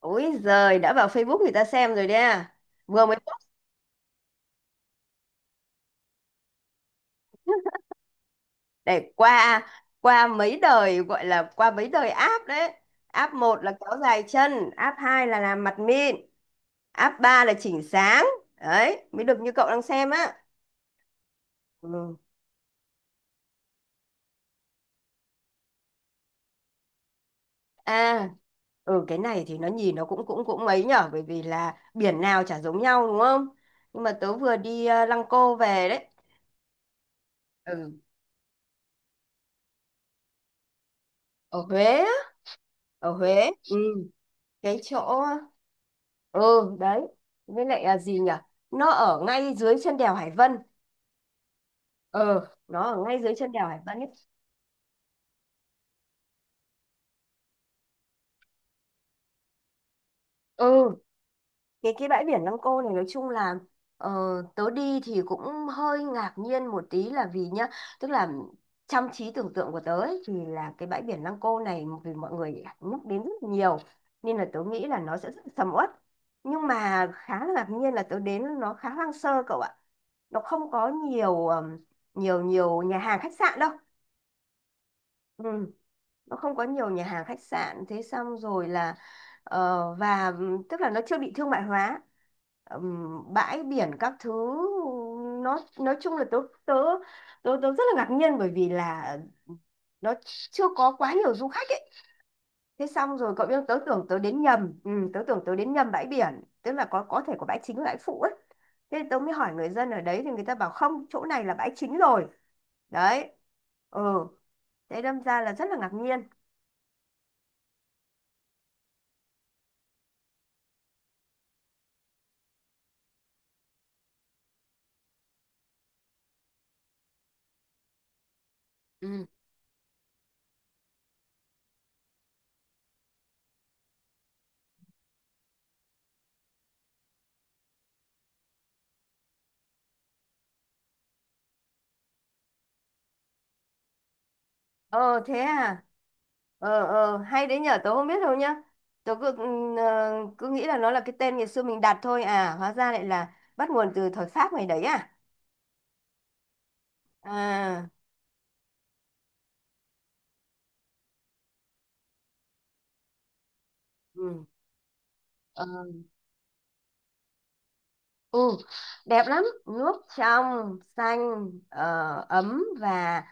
Ôi giời, đã vào Facebook người ta xem rồi đấy à. Vừa mới post để qua qua mấy đời gọi là qua mấy đời app đấy. App một là kéo dài chân, app 2 là làm mặt mịn, app 3 là chỉnh sáng. Đấy, mới được như cậu đang xem á. Ừ. À, ừ cái này thì nó nhìn nó cũng cũng cũng mấy nhở, bởi vì là biển nào chả giống nhau đúng không? Nhưng mà tớ vừa đi Lăng Cô về đấy. Ừ, ở Huế á, ở Huế. Ừ, cái chỗ ừ đấy, với lại là gì nhỉ, nó ở ngay dưới chân đèo Hải Vân. ừ nó ở ngay dưới chân đèo Hải Vân ấy. ừ cái bãi biển Lăng Cô này nói chung là ờ, tớ đi thì cũng hơi ngạc nhiên một tí, là vì nhá, tức là trong trí tưởng tượng của tớ ấy thì là cái bãi biển Lăng Cô này, vì mọi người nhắc đến rất nhiều nên là tớ nghĩ là nó sẽ rất sầm uất. Nhưng mà khá là ngạc nhiên là tớ đến nó khá hoang sơ, cậu ạ. Nó không có nhiều nhiều nhiều nhà hàng khách sạn đâu. Ừ, nó không có nhiều nhà hàng khách sạn. Thế xong rồi là và tức là nó chưa bị thương mại hóa. Bãi biển các thứ, nó nói chung là tớ tớ tớ tớ rất là ngạc nhiên, bởi vì là nó chưa có quá nhiều du khách ấy. Thế xong rồi cậu biết không, tớ tưởng tớ đến nhầm bãi biển, tức là có thể có bãi chính và bãi phụ ấy. Thế tớ mới hỏi người dân ở đấy thì người ta bảo không, chỗ này là bãi chính rồi đấy. Ừ, thế đâm ra là rất là ngạc nhiên. Ừ. Ờ thế à? Hay đấy nhở, tớ không biết đâu nhá. Tớ cứ nghĩ là nó là cái tên ngày xưa mình đặt thôi à, hóa ra lại là bắt nguồn từ thời Pháp ngày đấy à? À ừ. Ờ, ừ. Đẹp lắm, nước trong, xanh, ấm và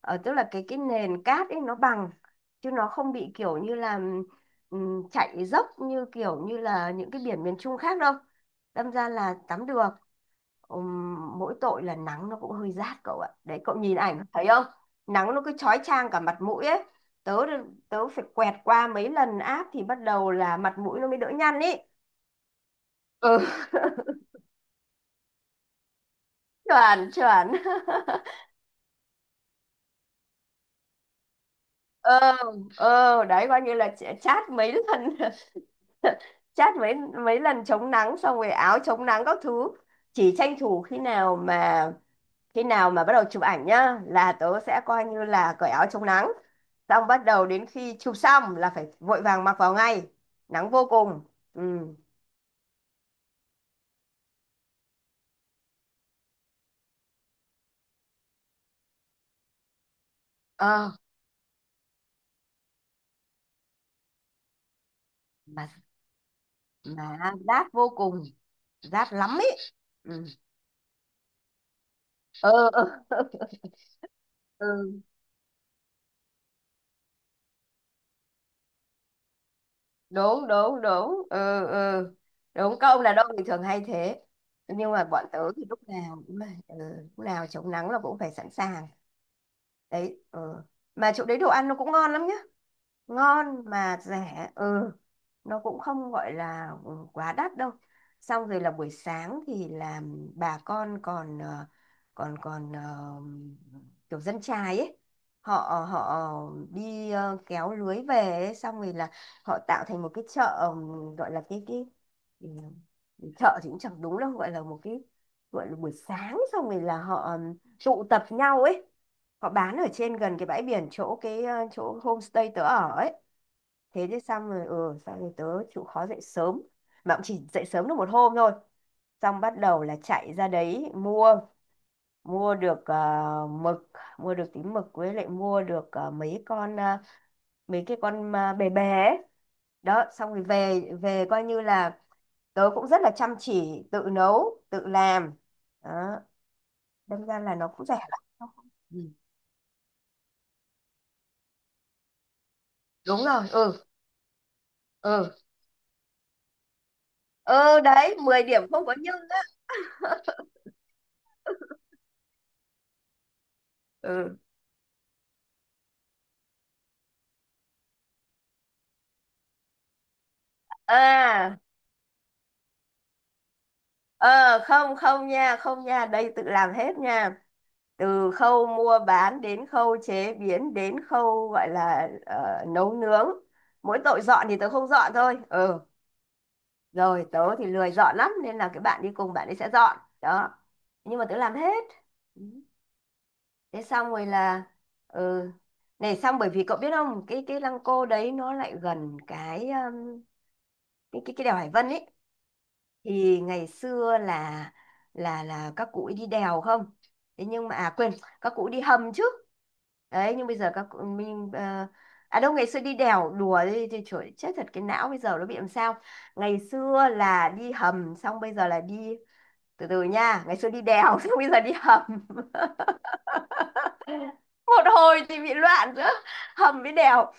tức là cái nền cát ấy nó bằng, chứ nó không bị kiểu như là chạy dốc như kiểu như là những cái biển miền Trung khác đâu. Đâm ra là tắm được. Mỗi tội là nắng nó cũng hơi rát cậu ạ, đấy cậu nhìn ảnh thấy không, nắng nó cứ chói chang cả mặt mũi ấy. Tớ tớ phải quẹt qua mấy lần áp thì bắt đầu là mặt mũi nó mới đỡ nhăn ý. Ừ, chuẩn chuẩn. ờ đấy, coi như là chát mấy lần. Chát mấy mấy lần chống nắng, xong rồi áo chống nắng các thứ. Chỉ tranh thủ khi nào mà bắt đầu chụp ảnh nhá là tớ sẽ coi như là cởi áo chống nắng, xong bắt đầu đến khi chụp xong là phải vội vàng mặc vào ngay. Nắng vô cùng. Ừ. ờ mà mà rát vô cùng, rát lắm ấy. Ừ. Ừ, ừ. Ừ, đúng đúng đúng. Ừ, ừ, đúng các ông đàn ông thì thường hay thế. Nhưng mà bọn tớ thì lúc nào cũng là, lúc nào chống nắng là cũng phải sẵn sàng đấy. Ừ. Mà chỗ đấy đồ ăn nó cũng ngon lắm nhá, ngon mà rẻ. Ừ, nó cũng không gọi là quá đắt đâu. Xong rồi là buổi sáng thì là bà con còn ờ, còn còn ờ, kiểu dân chài ấy, họ họ đi kéo lưới về ấy. Xong rồi là họ tạo thành một cái chợ, gọi là ừ, chợ thì cũng chẳng đúng đâu, gọi là một cái, gọi là buổi sáng xong rồi là họ tụ tập nhau ấy, họ bán ở trên gần cái bãi biển, chỗ homestay tớ ở ấy. Thế chứ, xong rồi tớ chịu khó dậy sớm, mà cũng chỉ dậy sớm được một hôm thôi. Xong bắt đầu là chạy ra đấy mua mua được mực, mua được tí mực, với lại mua được mấy cái con bè bè ấy. Đó, xong rồi về về coi như là tớ cũng rất là chăm chỉ tự nấu tự làm. Đó, đâm ra là nó cũng rẻ lắm. Nó không- Ừ. Đúng rồi. Ừ, ừ, ừ, đấy 10 điểm không có nhưng á. Ừ, à. Ờ, không không nha, không nha, đây tự làm hết nha. Từ khâu mua bán đến khâu chế biến đến khâu gọi là nấu nướng, mỗi tội dọn thì tớ không dọn thôi. Ừ, rồi tớ thì lười dọn lắm nên là cái bạn đi cùng bạn ấy sẽ dọn đó, nhưng mà tớ làm hết. Ừ. Thế xong rồi là, ừ, này xong bởi vì cậu biết không, cái lăng cô đấy nó lại gần cái đèo Hải Vân ý. Thì ngày xưa là các cụ ấy đi đèo không, thế nhưng mà à quên, các cụ đi hầm chứ. Đấy, nhưng bây giờ các cụ mình à đâu, ngày xưa đi đèo đùa đi thì trời chết thật, cái não bây giờ nó bị làm sao. Ngày xưa là đi hầm, xong bây giờ là đi, từ từ nha, ngày xưa đi đèo xong bây giờ đi hầm. Một hồi thì bị loạn giữa hầm với đèo.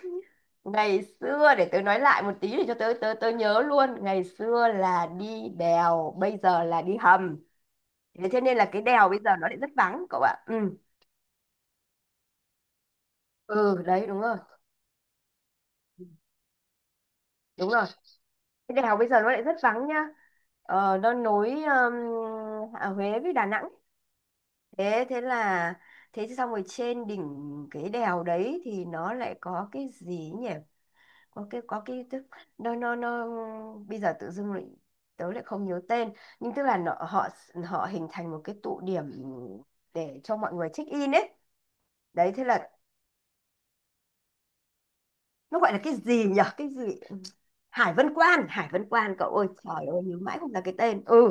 Ngày xưa để tớ nói lại một tí để cho tớ tớ tớ nhớ luôn, ngày xưa là đi đèo, bây giờ là đi hầm. Thế cho nên là cái đèo bây giờ nó lại rất vắng cậu ạ. Ừ, ừ đấy đúng rồi, đúng rồi. Cái đèo bây giờ nó lại rất vắng nhá. Ờ, nó nối à, Huế với Đà Nẵng. Thế thế là thế xong rồi trên đỉnh cái đèo đấy thì nó lại có cái gì nhỉ? Có cái tức nó bây giờ tự dưng lại tớ lại không nhớ tên, nhưng tức là nó, họ họ hình thành một cái tụ điểm để cho mọi người check in ấy. Đấy, thế là nó gọi là cái gì nhỉ, cái gì, Hải Vân Quan, Hải Vân Quan cậu ơi, trời ơi nhớ mãi không là cái tên. Ừ,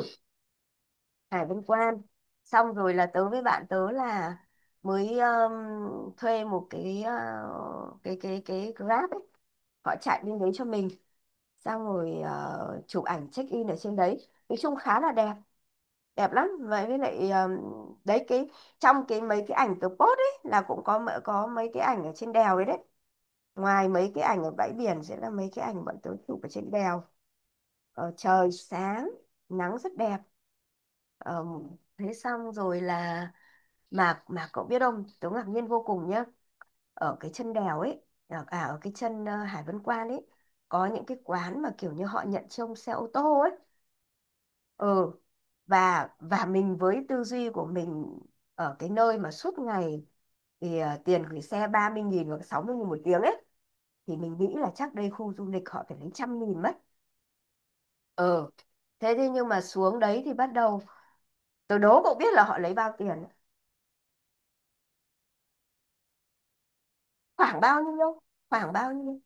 Hải Vân Quan. Xong rồi là tớ với bạn tớ là mới thuê một cái cái Grab ấy, họ chạy lên đấy cho mình, xong rồi chụp ảnh check in ở trên đấy nói chung khá là đẹp. Đẹp lắm vậy, với lại đấy, cái, trong cái mấy cái ảnh tớ post ấy là cũng có có mấy cái ảnh ở trên đèo đấy đấy, ngoài mấy cái ảnh ở bãi biển sẽ là mấy cái ảnh bọn tớ chụp ở trên đèo. Trời sáng nắng rất đẹp. Ờ, thế xong rồi là, mà cậu biết không tớ ngạc nhiên vô cùng nhá, ở cái chân đèo ấy, à ở cái chân Hải Vân Quan ấy, có những cái quán mà kiểu như họ nhận trông xe ô tô ấy. Ừ, và mình với tư duy của mình ở cái nơi mà suốt ngày thì tiền gửi xe 30.000 hoặc 60.000 một tiếng ấy, thì mình nghĩ là chắc đây khu du lịch họ phải lấy 100.000 mất. Ừ, thế thế nhưng mà xuống đấy thì bắt đầu, tôi đố cậu biết là họ lấy bao tiền, khoảng bao nhiêu khoảng bao nhiêu?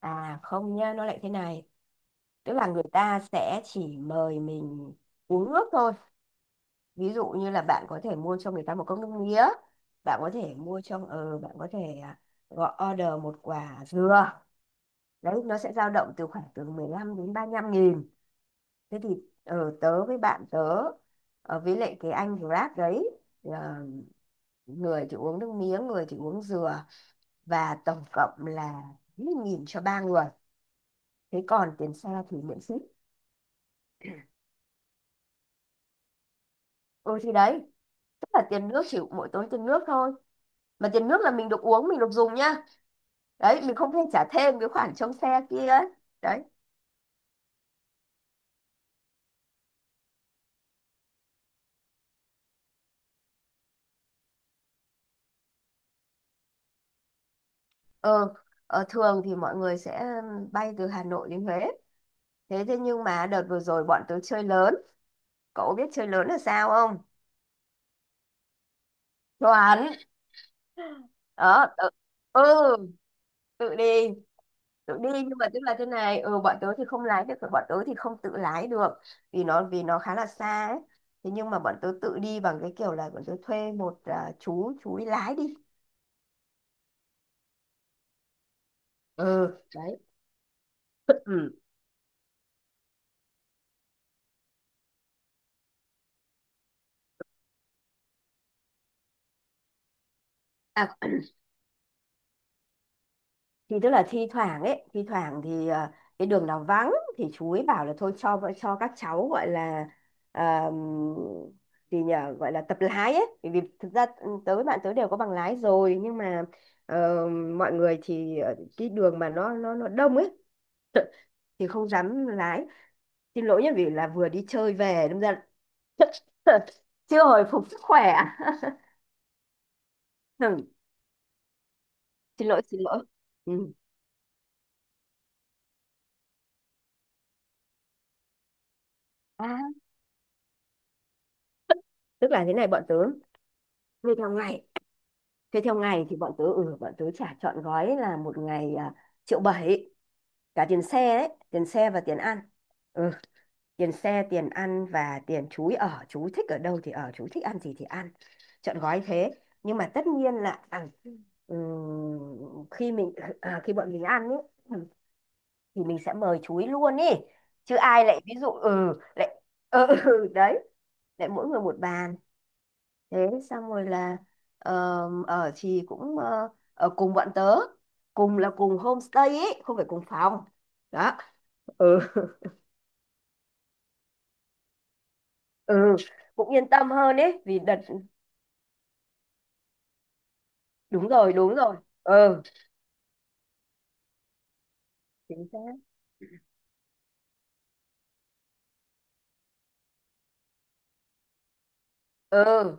À không nhá, nó lại thế này. Tức là người ta sẽ chỉ mời mình uống nước thôi. Ví dụ như là bạn có thể mua cho người ta một cốc nước mía. Bạn có thể mua cho, bạn có thể à, gọi order một quả dừa. Đấy, nó sẽ dao động từ khoảng từ 15 đến 35.000. Thế thì tớ với bạn tớ, với lại cái anh Grab đấy, người thì uống nước mía, người thì uống dừa. Và tổng cộng là 1 nghìn cho ba người. Thế còn tiền xe thì miễn phí. Ừ thì đấy, tức là tiền nước, chỉ mỗi tốn tiền nước thôi, mà tiền nước là mình được uống mình được dùng nhá. Đấy, mình không nên trả thêm cái khoản trông xe kia ấy. Đấy. Ờ, ờ thường thì mọi người sẽ bay từ Hà Nội đến Huế. Thế thế nhưng mà đợt vừa rồi bọn tớ chơi lớn. Cậu biết chơi lớn là sao không? Chuẩn. Đó tự, ừ, tự đi. Tự đi nhưng mà tức là thế này, ừ, bọn tớ thì không lái được bọn tớ thì không tự lái được vì nó khá là xa ấy. Thế nhưng mà bọn tớ tự đi bằng cái kiểu là bọn tớ thuê một chú ấy lái đi. Ừ, đấy. Ừ. À thì tức là thi thoảng thì cái đường nào vắng thì chú ấy bảo là thôi cho cho các cháu gọi là, ờm, gì nhờ gọi là tập lái ấy, bởi vì thực ra tới bạn tới đều có bằng lái rồi, nhưng mà ờ, mọi người thì cái đường mà nó đông ấy thì không dám lái. Xin lỗi nhé, vì là vừa đi chơi về đâm ra chưa hồi phục sức khỏe. Ừ, xin lỗi xin lỗi. Ừ. À, tức là thế này, bọn tớ như theo ngày. Thế theo ngày thì bọn tớ, ừ, bọn tớ trả trọn gói là một ngày triệu bảy, cả tiền xe đấy, tiền xe và tiền ăn. Ừ, tiền xe, tiền ăn và tiền chú ý ở, chú thích ở đâu thì ở, chú thích ăn gì thì ăn, trọn gói thế. Nhưng mà tất nhiên là khi bọn mình ăn ấy thì mình sẽ mời chú ý luôn ý. Chứ ai lại ví dụ ừ lại, đấy, lại mỗi người một bàn. Thế xong rồi là, ờ, ở thì cũng, ở cùng bọn tớ, cùng là cùng homestay ấy, không phải cùng phòng. Đó. Ừ. Ừ, cũng yên tâm hơn ấy vì đợt đúng rồi đúng rồi. Ừ chính xác. Ừ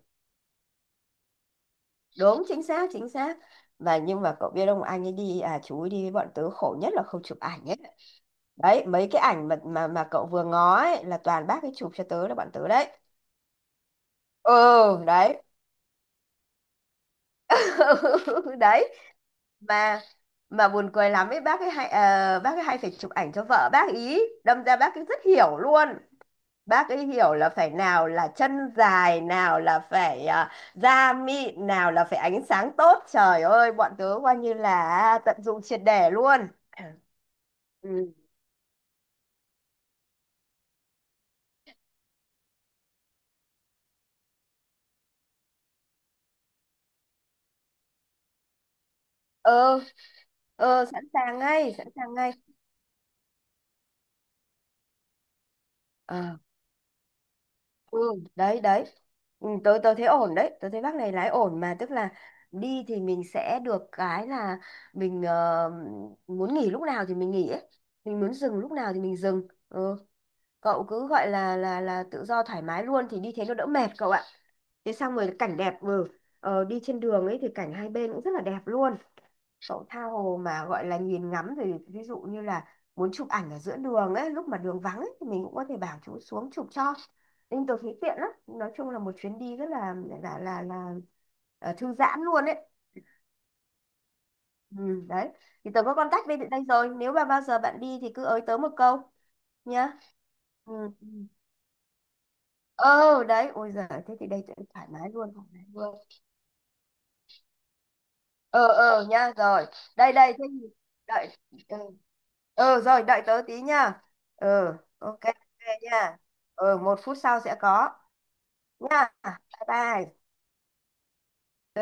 đúng chính xác chính xác. Mà nhưng mà cậu biết ông anh ấy đi, à, chú ấy đi với bọn tớ khổ nhất là không chụp ảnh ấy. Đấy mấy cái ảnh mà cậu vừa ngó ấy là toàn bác ấy chụp cho tớ là bọn tớ đấy. Ừ đấy. Đấy. Mà mà buồn cười lắm ấy, bác ấy hay, bác ấy hay phải chụp ảnh cho vợ bác ý đâm ra bác ấy rất hiểu luôn. Bác ấy hiểu là phải nào là chân dài, nào là phải, da mịn, nào là phải ánh sáng tốt. Trời ơi, bọn tớ coi như là tận dụng triệt để luôn. Ừ. Ờ ờ, sẵn sàng ngay sẵn sàng ngay. Ừ đấy đấy. Ừ, tôi thấy ổn đấy, tôi thấy bác này lái ổn. Mà tức là đi thì mình sẽ được cái là mình, muốn nghỉ lúc nào thì mình nghỉ ấy, mình muốn dừng lúc nào thì mình dừng. Ừ. Cậu cứ gọi là tự do thoải mái luôn, thì đi thế nó đỡ mệt cậu ạ. Thế xong rồi cảnh đẹp. Ừ. Ờ, đi trên đường ấy thì cảnh hai bên cũng rất là đẹp luôn. Sổ tha hồ mà gọi là nhìn ngắm. Thì ví dụ như là muốn chụp ảnh ở giữa đường ấy, lúc mà đường vắng ấy, thì mình cũng có thể bảo chú xuống chụp cho. Nên tôi thấy tiện lắm. Nói chung là một chuyến đi rất là là là là thư giãn luôn ấy. Ừ, đấy. Thì tớ có contact bên đây rồi. Nếu mà bao giờ bạn đi thì cứ ới tớ một câu nhá. Ừ. Ừ. Ờ đấy. Ôi giời, thế thì đây tớ thoải mái luôn, thoải mái luôn. Ờ ờ nha, rồi. Đây đây Thế thì đợi, ừ. Ờ rồi, đợi tớ tí nha. Ờ, ok ok nha. Ờ, 1 phút sau sẽ có nha. Bye bye.